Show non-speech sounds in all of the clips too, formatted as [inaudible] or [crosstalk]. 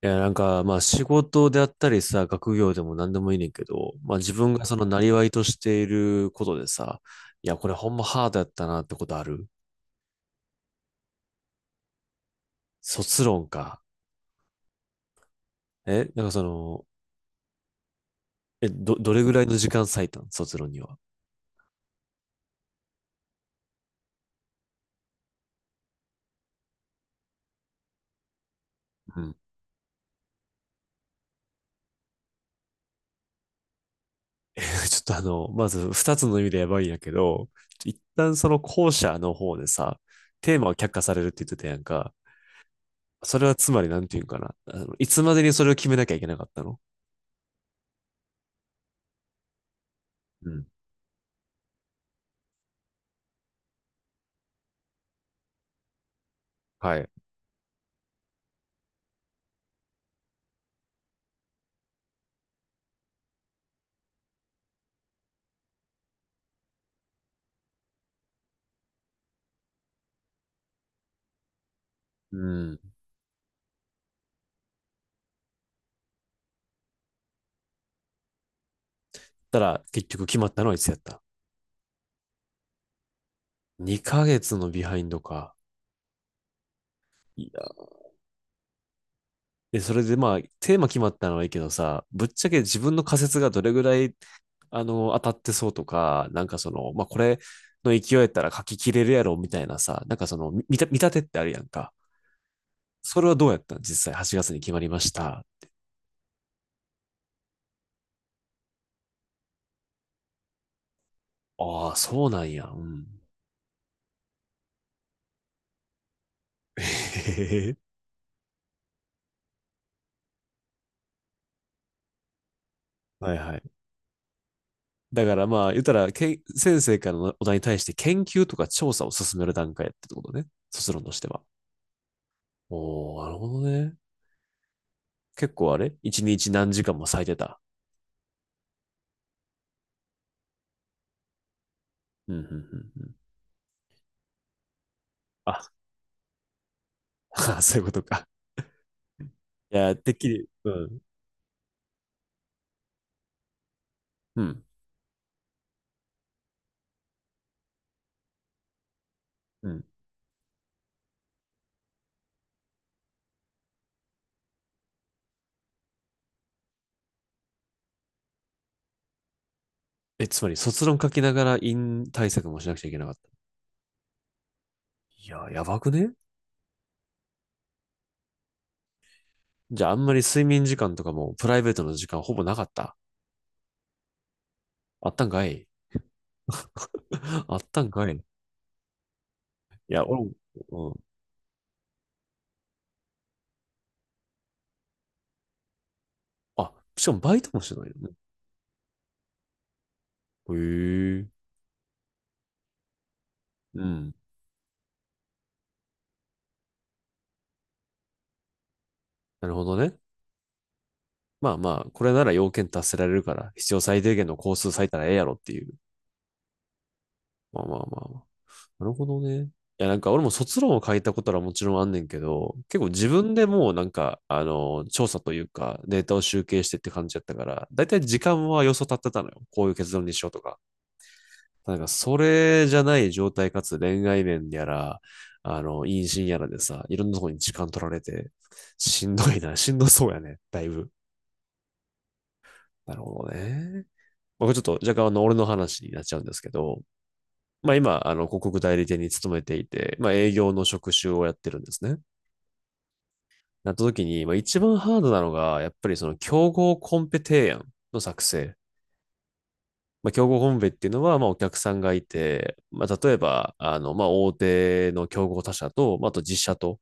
いや、なんか、まあ仕事であったりさ、学業でも何でもいいねんけど、まあ自分がそのなりわいとしていることでさ、いや、これほんまハードやったなってことある？卒論か。なんかその、どれぐらいの時間割いたん卒論には？うん。[laughs] え、ちょっとあの、まず二つの意味でやばいんやけど、一旦その後者の方でさ、テーマを却下されるって言ってたやんか。それはつまりなんていうんかな。あの、いつまでにそれを決めなきゃいけなかったの？うん。はい。うん。たら結局決まったのはいつやった？2ヶ月のビハインドか。いや。で、それでまあ、テーマ決まったのはいいけどさ、ぶっちゃけ自分の仮説がどれぐらい、あの、当たってそうとか、なんかその、まあこれの勢いやったら書き切れるやろみたいなさ、なんかその、み見た、見立てってあるやんか。それはどうやったの、実際8月に決まりました？ああ、そうなんや。うん。[laughs] へへへ。はいはい。だからまあ、言ったら、けん先生からのお題に対して研究とか調査を進める段階やってことね。卒論としては。おー、なるほどね。結構あれ一日何時間も咲いてた？うん、うん、うんうん。あ、[laughs] そういうことか。いや、てっきり、うん、うん、うん。つまり卒論書きながら院対策もしなくちゃいけなかった？いや、やばくね？じゃああんまり睡眠時間とかもプライベートの時間ほぼなかった？あったんかい。 [laughs] あったんかいい。や、俺も、うん。あ、しかもバイトもしてないよね。へえ。うん。なるほどね。まあまあ、これなら要件達せられるから、必要最低限の工数割いたらええやろっていう。まあまあまあまあ。なるほどね。いや、なんか俺も卒論を書いたことはもちろんあんねんけど、結構自分でもうなんか、あの、調査というか、データを集計してって感じやったから、だいたい時間は予想立ってたのよ。こういう結論にしようとか。なんか、それじゃない状態かつ恋愛面やら、あの、妊娠やらでさ、いろんなとこに時間取られて、しんどいな、[laughs] しんどそうやね。だいぶ。なるほどね。まあこれちょっと若干あの、俺の話になっちゃうんですけど、まあ今、あの、広告代理店に勤めていて、まあ営業の職種をやってるんですね。なった時に、まあ一番ハードなのが、やっぱりその競合コンペ提案の作成。まあ競合コンペっていうのは、まあお客さんがいて、まあ例えば、あの、まあ大手の競合他社と、まああと実社と、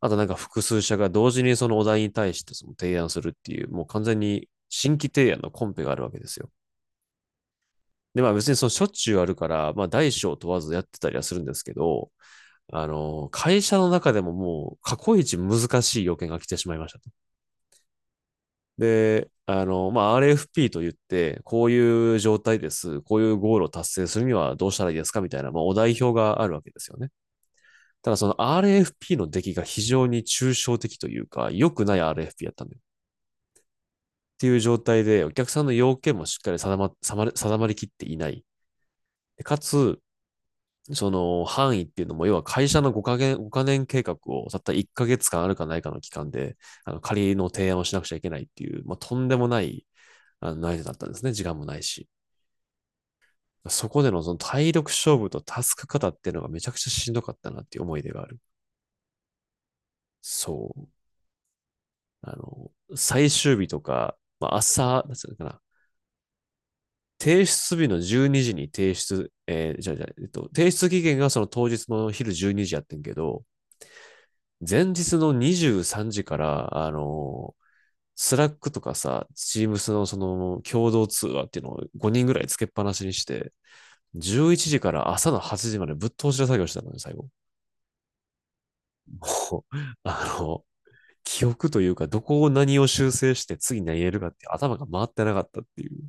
あとなんか複数社が同時にそのお題に対してその提案するっていう、もう完全に新規提案のコンペがあるわけですよ。で、まあ別にそのしょっちゅうあるから、まあ大小問わずやってたりはするんですけど、あの、会社の中でももう過去一難しい要件が来てしまいましたと。で、あの、まあ、RFP と言って、こういう状態です。こういうゴールを達成するにはどうしたらいいですかみたいな、まあ、お代表があるわけですよね。ただその RFP の出来が非常に抽象的というか、良くない RFP やったんだよ。っていう状態で、お客さんの要件もしっかり定まりきっていない。かつ、その範囲っていうのも、要は会社の5か月、5年計画をたった1ヶ月間あるかないかの期間で、あの仮の提案をしなくちゃいけないっていう、まあ、とんでもないあのだったんですね。時間もないし。そこでのその体力勝負とタスク型っていうのがめちゃくちゃしんどかったなっていう思い出がある。そう。あの、最終日とか、まあ、朝、なんていうのかな。提出日の12時にじに提出、えーじゃあじゃあえっと、提出期限がその当日の昼12時やってんけど、前日の23時から、あの、スラックとかさ、チームスのその共同通話っていうのを5人ぐらいつけっぱなしにして、11時から朝の8時までぶっ通しで作業してたのね、最後。[laughs] もう、あの、記憶というか、どこを何を修正して次何入れるかって頭が回ってなかったっていう。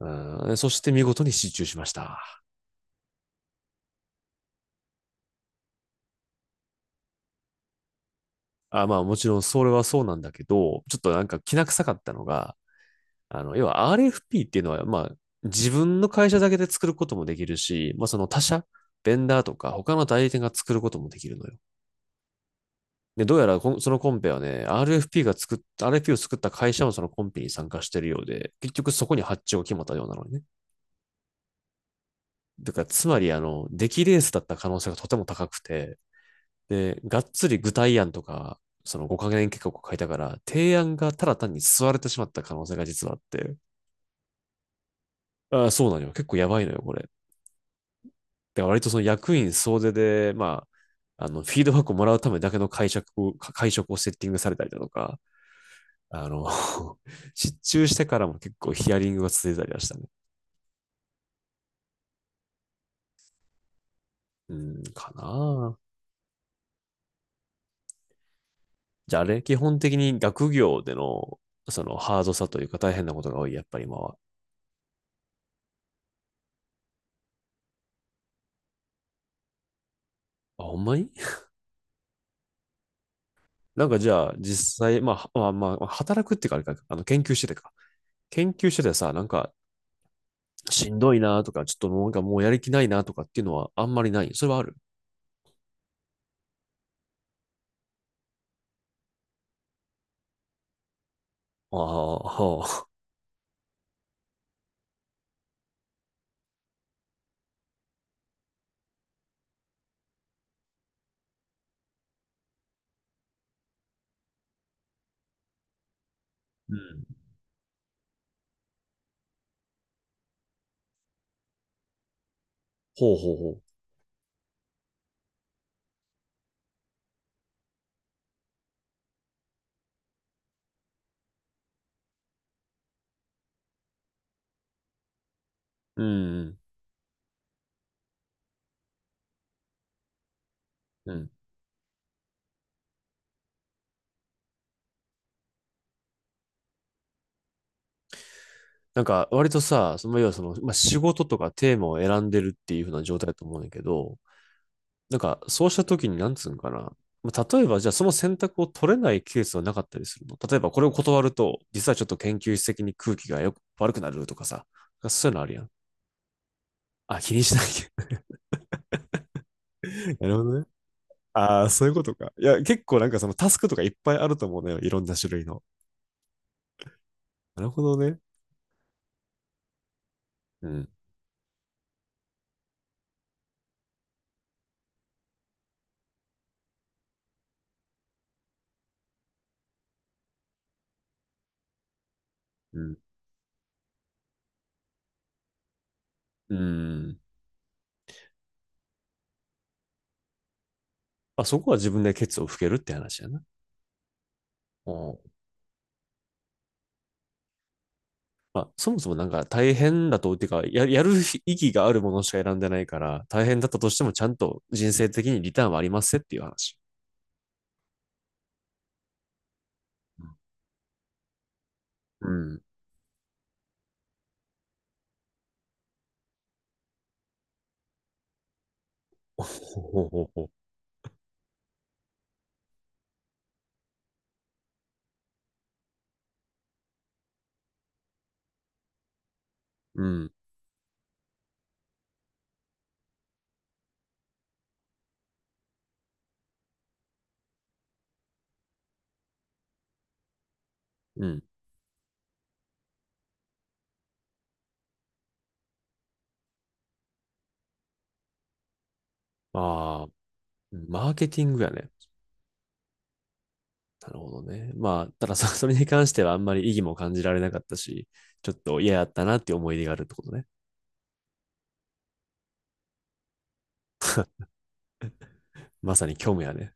うん、そして見事に失注しました。あ、まあもちろんそれはそうなんだけど、ちょっとなんか気な臭かったのが、あの、要は RFP っていうのは、まあ、自分の会社だけで作ることもできるし、まあ、その他社、ベンダーとか他の代理店が作ることもできるのよ。で、どうやらそのコンペはね、RFP を作った会社もそのコンペに参加してるようで、結局そこに発注が決まったようなのね。だから、つまり、あの、出来レースだった可能性がとても高くて、で、がっつり具体案とか、その5カ年計画を書いたから、提案がただ単に吸われてしまった可能性が実はあって、ああ、そうなのよ。結構やばいのよ、これ。で割とその役員総出で、まあ、あの、フィードバックをもらうためだけの会食をセッティングされたりだとか、あの、[laughs] 失注してからも結構ヒアリングが続いたりはしたね。うん、かな。じゃああれ、基本的に学業での、そのハードさというか大変なことが多い、やっぱり今は？あ、ほんまに？なんかじゃあ実際、まあ、働くっていうかあれか、あの、研究しててか。研究しててさ、なんか、しんどいなとか、ちょっともうなんかもうやる気ないなとかっていうのはあんまりない。それはある？ああ、は。うん。ほうほうほう。うんうんうん。なんか、割とさ、その、要はその、まあ、仕事とかテーマを選んでるっていう風な状態だと思うんだけど、なんか、そうした時に、なんつうんかな。まあ、例えば、じゃあ、その選択を取れないケースはなかったりするの、例えば、これを断ると、実はちょっと研究室的に空気が悪くなるとかさ。そういうのあるやん。あ、気にしないけど。 [laughs] なるほどね。ああ、そういうことか。いや、結構なんかそのタスクとかいっぱいあると思うのよ。いろんな種類の。なるほどね。うん。うん。うん。まあ、そこは自分でケツを拭けるって話やな。うん。まあ、そもそもなんか大変だと、っていうか、やる意義があるものしか選んでないから、大変だったとしてもちゃんと人生的にリターンはありますっていう話。うん。ほほほほ。[laughs] うん。うん。ああ、マーケティングやね。なるほどね。まあ、ただそ、[laughs] それに関してはあんまり意義も感じられなかったし、ちょっと嫌やったなっていう思い出があるってことね。まさに虚無やね。